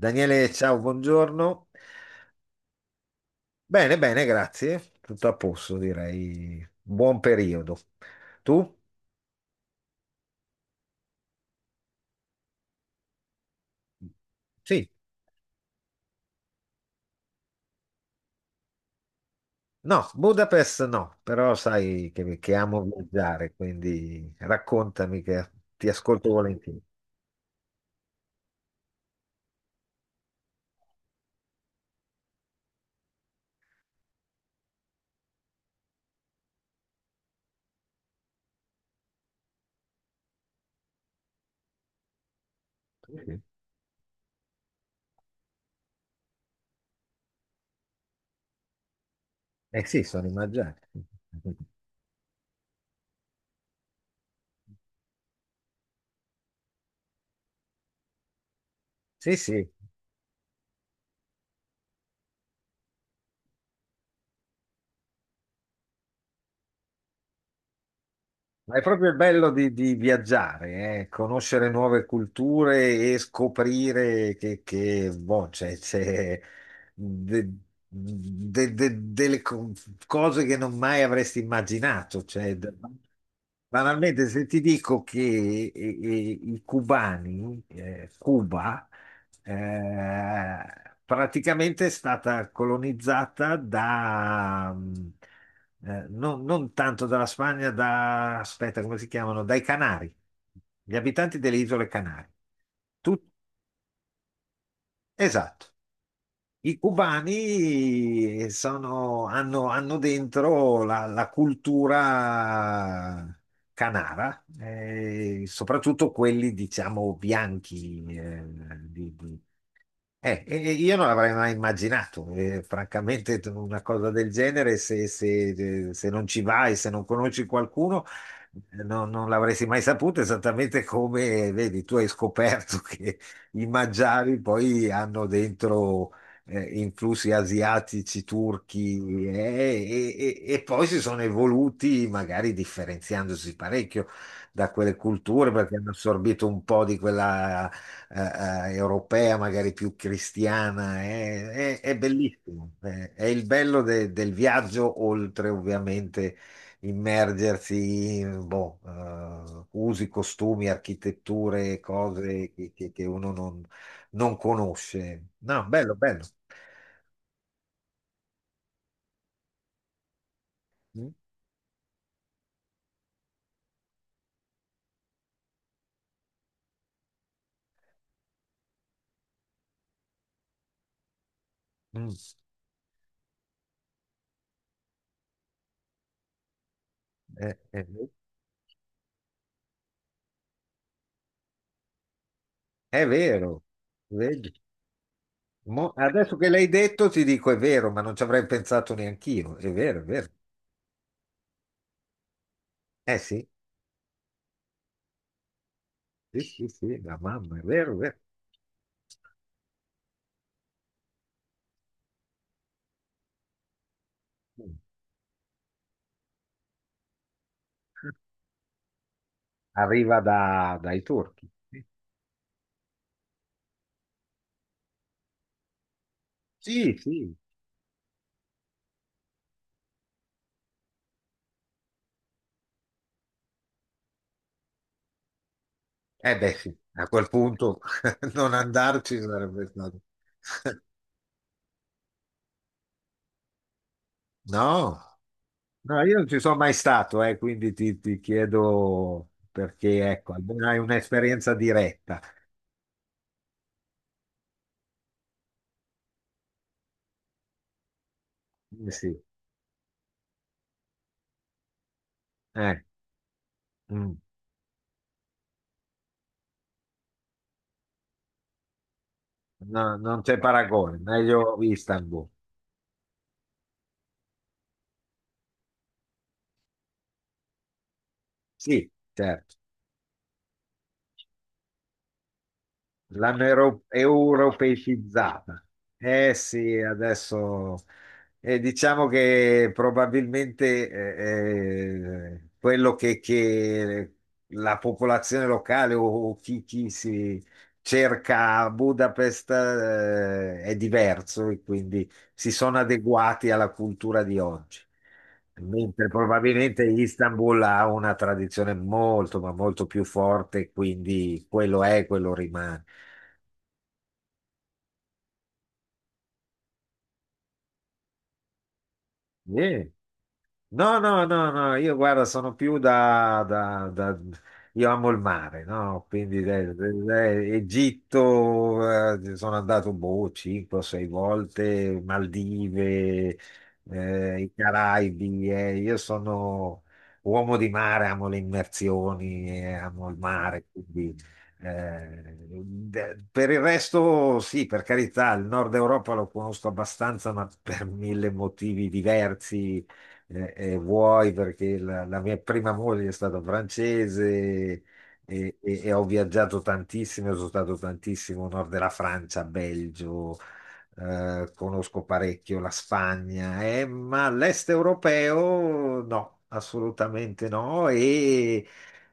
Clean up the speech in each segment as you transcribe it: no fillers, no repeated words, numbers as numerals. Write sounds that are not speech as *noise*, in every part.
Daniele, ciao, buongiorno. Bene, bene, grazie. Tutto a posto, direi. Buon periodo. Tu? Sì. No, Budapest no, però sai che amo viaggiare, quindi raccontami che ti ascolto volentieri. Sì. Eh sì, sono in viaggiare. Sì, sì. Ma è proprio il bello di viaggiare, conoscere nuove culture e scoprire che, boh, c'è de- delle cose che non mai avresti immaginato. Cioè, banalmente, se ti dico che i cubani, Cuba, eh, praticamente è stata colonizzata da, non, non tanto dalla Spagna, da, aspetta, come si chiamano? Dai Canari, gli abitanti delle isole Canarie. Tut- esatto. I cubani hanno, hanno dentro la, la cultura canara, soprattutto quelli, diciamo, bianchi, e io non l'avrei mai immaginato, francamente, una cosa del genere, se non ci vai, se non conosci qualcuno, non, non l'avresti mai saputo, esattamente come, vedi, tu hai scoperto *laughs* che i magiari poi hanno dentro influssi asiatici, turchi, e poi si sono evoluti, magari differenziandosi parecchio da quelle culture, perché hanno assorbito un po' di quella europea, magari più cristiana, è bellissimo. È il bello del viaggio, oltre ovviamente immergersi in boh, usi, costumi, architetture, cose che uno non, non conosce. No, bello, bello. Mm, mm. Eh, eh, È vero, vedi. Adesso che l'hai detto ti dico è vero, ma non ci avrei pensato neanch'io. È vero, è vero. Eh sì. Sì, sì, sì, la mamma, è vero, è vero. Arriva dai turchi. Sì, sì. Eh beh, sì, a quel punto *laughs* non andarci sarebbe stato. No, no, io non ci sono mai stato, quindi ti chiedo perché, ecco, almeno hai un'esperienza diretta. Sì. eh, mm. No, non c'è paragone, meglio Istanbul. Sì, certo. L'hanno europeicizzata. Eh sì, adesso diciamo che probabilmente quello che la popolazione locale o chi, chi si cerca a Budapest, è diverso e quindi si sono adeguati alla cultura di oggi, mentre probabilmente Istanbul ha una tradizione molto, ma molto più forte, quindi quello è, quello rimane. Eh, No, no, no, no, io guarda, sono più. Io amo il mare, no? Quindi Egitto, sono andato, boh, 5 o 6 volte, Maldive, i Caraibi, io sono uomo di mare, amo le immersioni, amo il mare, quindi. eh, per il resto, sì, per carità, il nord Europa lo conosco abbastanza, ma per mille motivi diversi vuoi perché la, la mia prima moglie è stata francese e, e ho viaggiato tantissimo, sono stato tantissimo nord della Francia, Belgio, conosco parecchio la Spagna, ma l'est europeo no, assolutamente no. E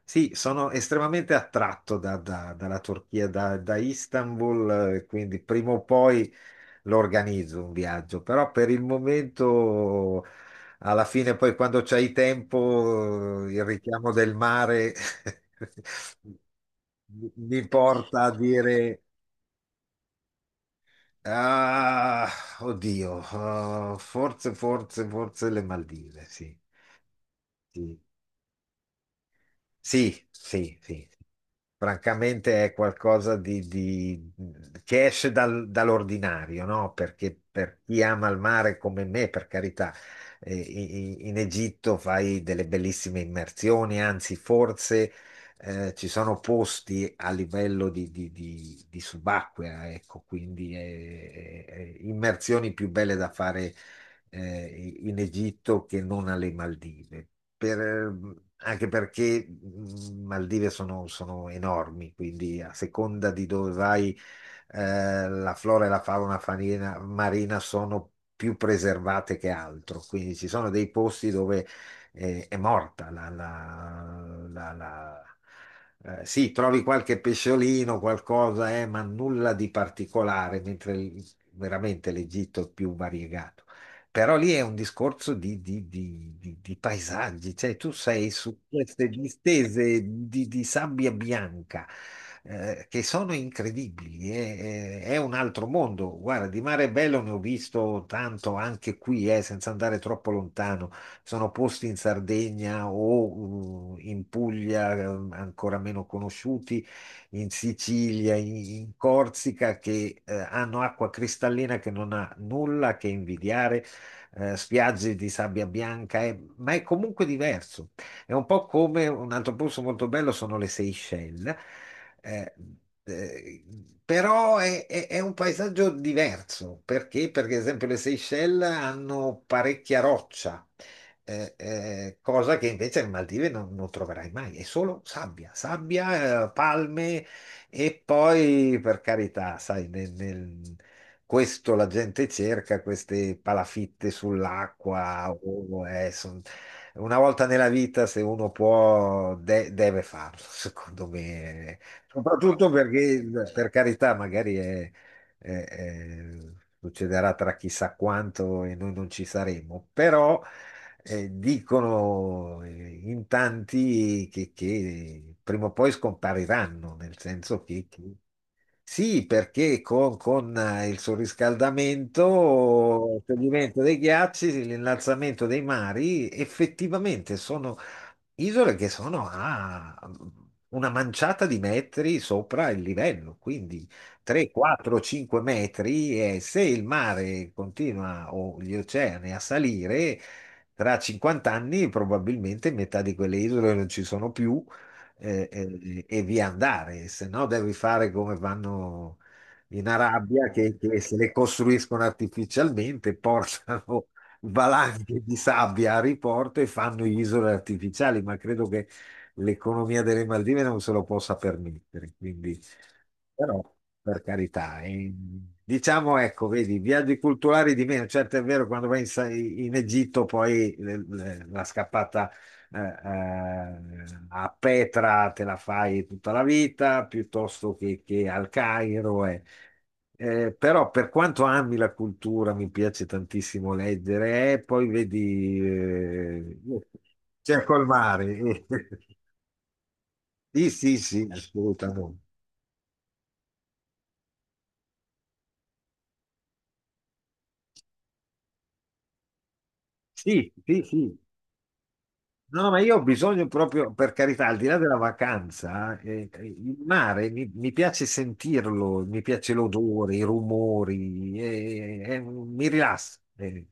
sì, sono estremamente attratto dalla Turchia, da, da Istanbul, quindi prima o poi lo organizzo un viaggio, però per il momento, alla fine, poi quando c'hai tempo, il richiamo del mare *laughs* mi porta a dire, ah, oddio, ah, forse, forse, forse le Maldive, sì, sì, sì, sì, sì. Francamente è qualcosa che esce dall'ordinario, no? Perché per chi ama il mare come me, per carità, in Egitto fai delle bellissime immersioni, anzi forse ci sono posti a livello di subacquea, ecco, quindi immersioni più belle da fare in Egitto che non alle Maldive. Anche perché Maldive sono, sono enormi, quindi a seconda di dove vai, la flora e la fauna marina sono più preservate che altro, quindi ci sono dei posti dove è morta la, sì, trovi qualche pesciolino, qualcosa, ma nulla di particolare, mentre veramente l'Egitto è più variegato. Però lì è un discorso di paesaggi, cioè tu sei su queste distese di sabbia bianca che sono incredibili, è un altro mondo. Guarda, di mare bello ne ho visto tanto anche qui, senza andare troppo lontano. Sono posti in Sardegna o in Puglia, ancora meno conosciuti, in Sicilia, in, in Corsica, che hanno acqua cristallina che non ha nulla che invidiare spiagge di sabbia bianca, ma è comunque diverso. È un po' come un altro posto molto bello sono le Seychelles, eh, eh, però è un paesaggio diverso. Perché? Perché, ad esempio, le Seychelles hanno parecchia roccia, cosa che invece alle Maldive non, non troverai mai, è solo sabbia, sabbia, palme e poi, per carità, sai, nel, questo la gente cerca, queste palafitte sull'acqua. Una volta nella vita, se uno può, deve farlo, *laughs* secondo me. Soprattutto perché, per carità, magari è- è- succederà tra chissà quanto e noi non ci saremo, però dicono in tanti che prima o poi scompariranno, nel senso che sì, perché con il sorriscaldamento, scioglimento dei ghiacci, l'innalzamento dei mari, effettivamente sono isole che sono a una manciata di metri sopra il livello, quindi 3, 4, 5 metri e se il mare continua o gli oceani a salire, tra 50 anni probabilmente metà di quelle isole non ci sono più e via andare, se no devi fare come vanno in Arabia che se le costruiscono artificialmente, portano *laughs* valanghe di sabbia a riporto e fanno isole artificiali, ma credo che l'economia delle Maldive non se lo possa permettere, quindi però per carità, diciamo ecco, vedi, viaggi culturali di meno, certo è vero quando vai in, in Egitto poi la scappata eh, eh, a Petra te la fai tutta la vita piuttosto che al Cairo. Però per quanto ami la cultura, mi piace tantissimo leggere, poi vedi, c'è col mare. *laughs* Sì, sì, sì, assolutamente. Sì, sì, sì. No, no, ma io ho bisogno proprio, per carità, al di là della vacanza, il mare mi, mi piace sentirlo, mi piace l'odore, i rumori, mi rilassa.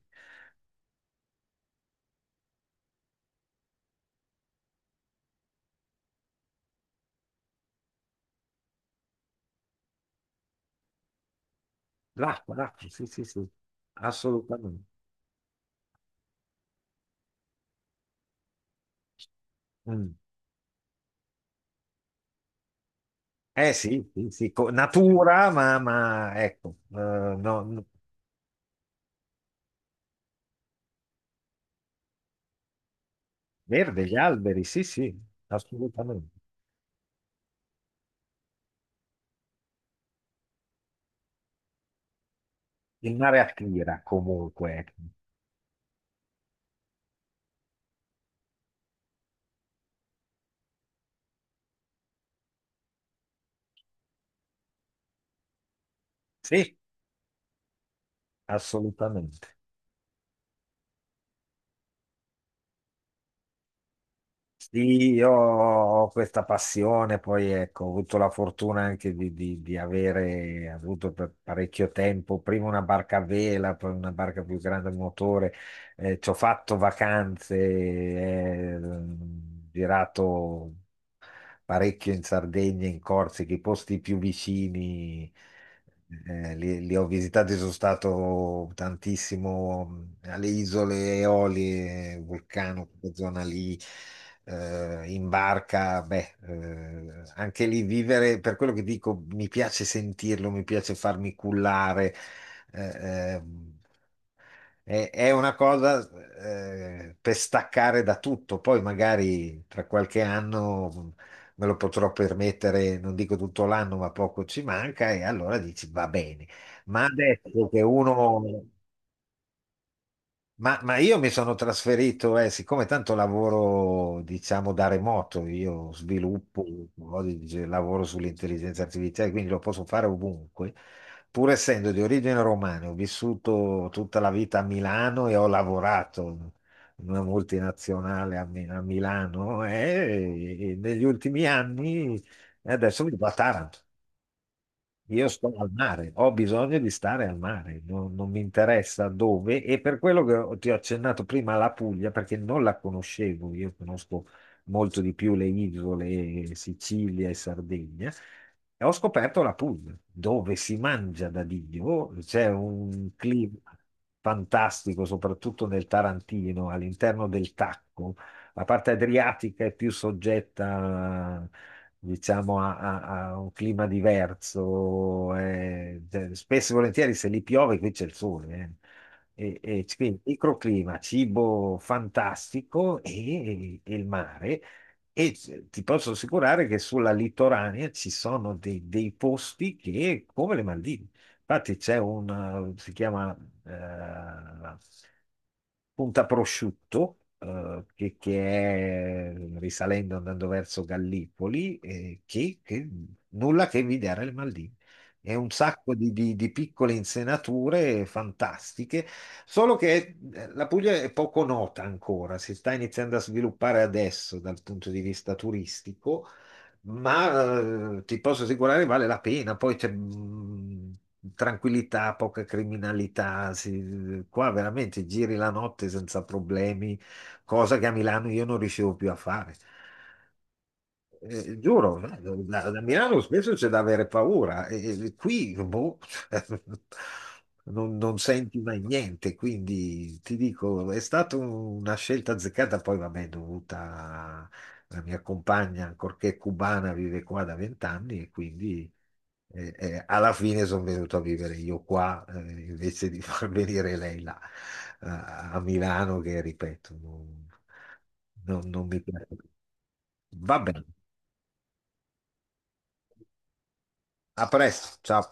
L'acqua, l'acqua, sì, sì, sì, assolutamente. Mm. Eh sì, sì, sì, natura, ma, ecco, no, no, verde, gli alberi, sì, sì, assolutamente. Il mare attira comunque, ecco. Sì, assolutamente. Sì, io ho questa passione, poi ecco, ho avuto la fortuna anche di avere avuto per parecchio tempo prima una barca a vela, poi una barca più grande a motore, ci ho fatto vacanze, girato parecchio in Sardegna, in Corsica, i posti più vicini, li ho visitati, sono stato tantissimo alle isole Eolie, Vulcano, quella zona lì, in barca, beh, anche lì vivere, per quello che dico, mi piace sentirlo, mi piace farmi cullare. eh, eh, è una cosa per staccare da tutto, poi magari tra qualche anno me lo potrò permettere, non dico tutto l'anno, ma poco ci manca e allora dici va bene. Ma adesso che uno ma io mi sono trasferito, siccome tanto lavoro, diciamo, da remoto, io sviluppo, oggi lavoro sull'intelligenza artificiale, quindi lo posso fare ovunque. Pur essendo di origine romana, ho vissuto tutta la vita a Milano e ho lavorato in una multinazionale a Milano e negli ultimi anni, e adesso vivo a Taranto. Io sto al mare, ho bisogno di stare al mare, non, non mi interessa dove e per quello che ti ho accennato prima la Puglia, perché non la conoscevo, io conosco molto di più le isole, Sicilia e Sardegna, e ho scoperto la Puglia, dove si mangia da Dio, c'è un clima fantastico, soprattutto nel Tarantino, all'interno del Tacco la parte adriatica è più soggetta, diciamo, a un clima diverso. Cioè, spesso e volentieri se lì piove qui c'è il sole. E quindi microclima, cibo fantastico e il mare. E ti posso assicurare che sulla litoranea ci sono dei, dei posti che, come le Maldive, infatti c'è si chiama eh, Punta Prosciutto, che è risalendo, andando verso Gallipoli, che nulla che invidiare le Maldive. È un sacco di piccole insenature fantastiche, solo che la Puglia è poco nota ancora, si sta iniziando a sviluppare adesso dal punto di vista turistico ma ti posso assicurare vale la pena. Poi c'è tranquillità, poca criminalità. Qua veramente giri la notte senza problemi, cosa che a Milano io non riuscivo più a fare. Giuro, da Milano spesso c'è da avere paura, e qui boh, *laughs* non, non senti mai niente, quindi ti dico, è stata una scelta azzeccata, poi vabbè, dovuta alla mia compagna, ancorché cubana, vive qua da vent'anni e quindi alla fine sono venuto a vivere io qua, invece di *laughs* far venire lei là, a Milano, che ripeto, non, non mi piace. Vabbè. A presto, ciao.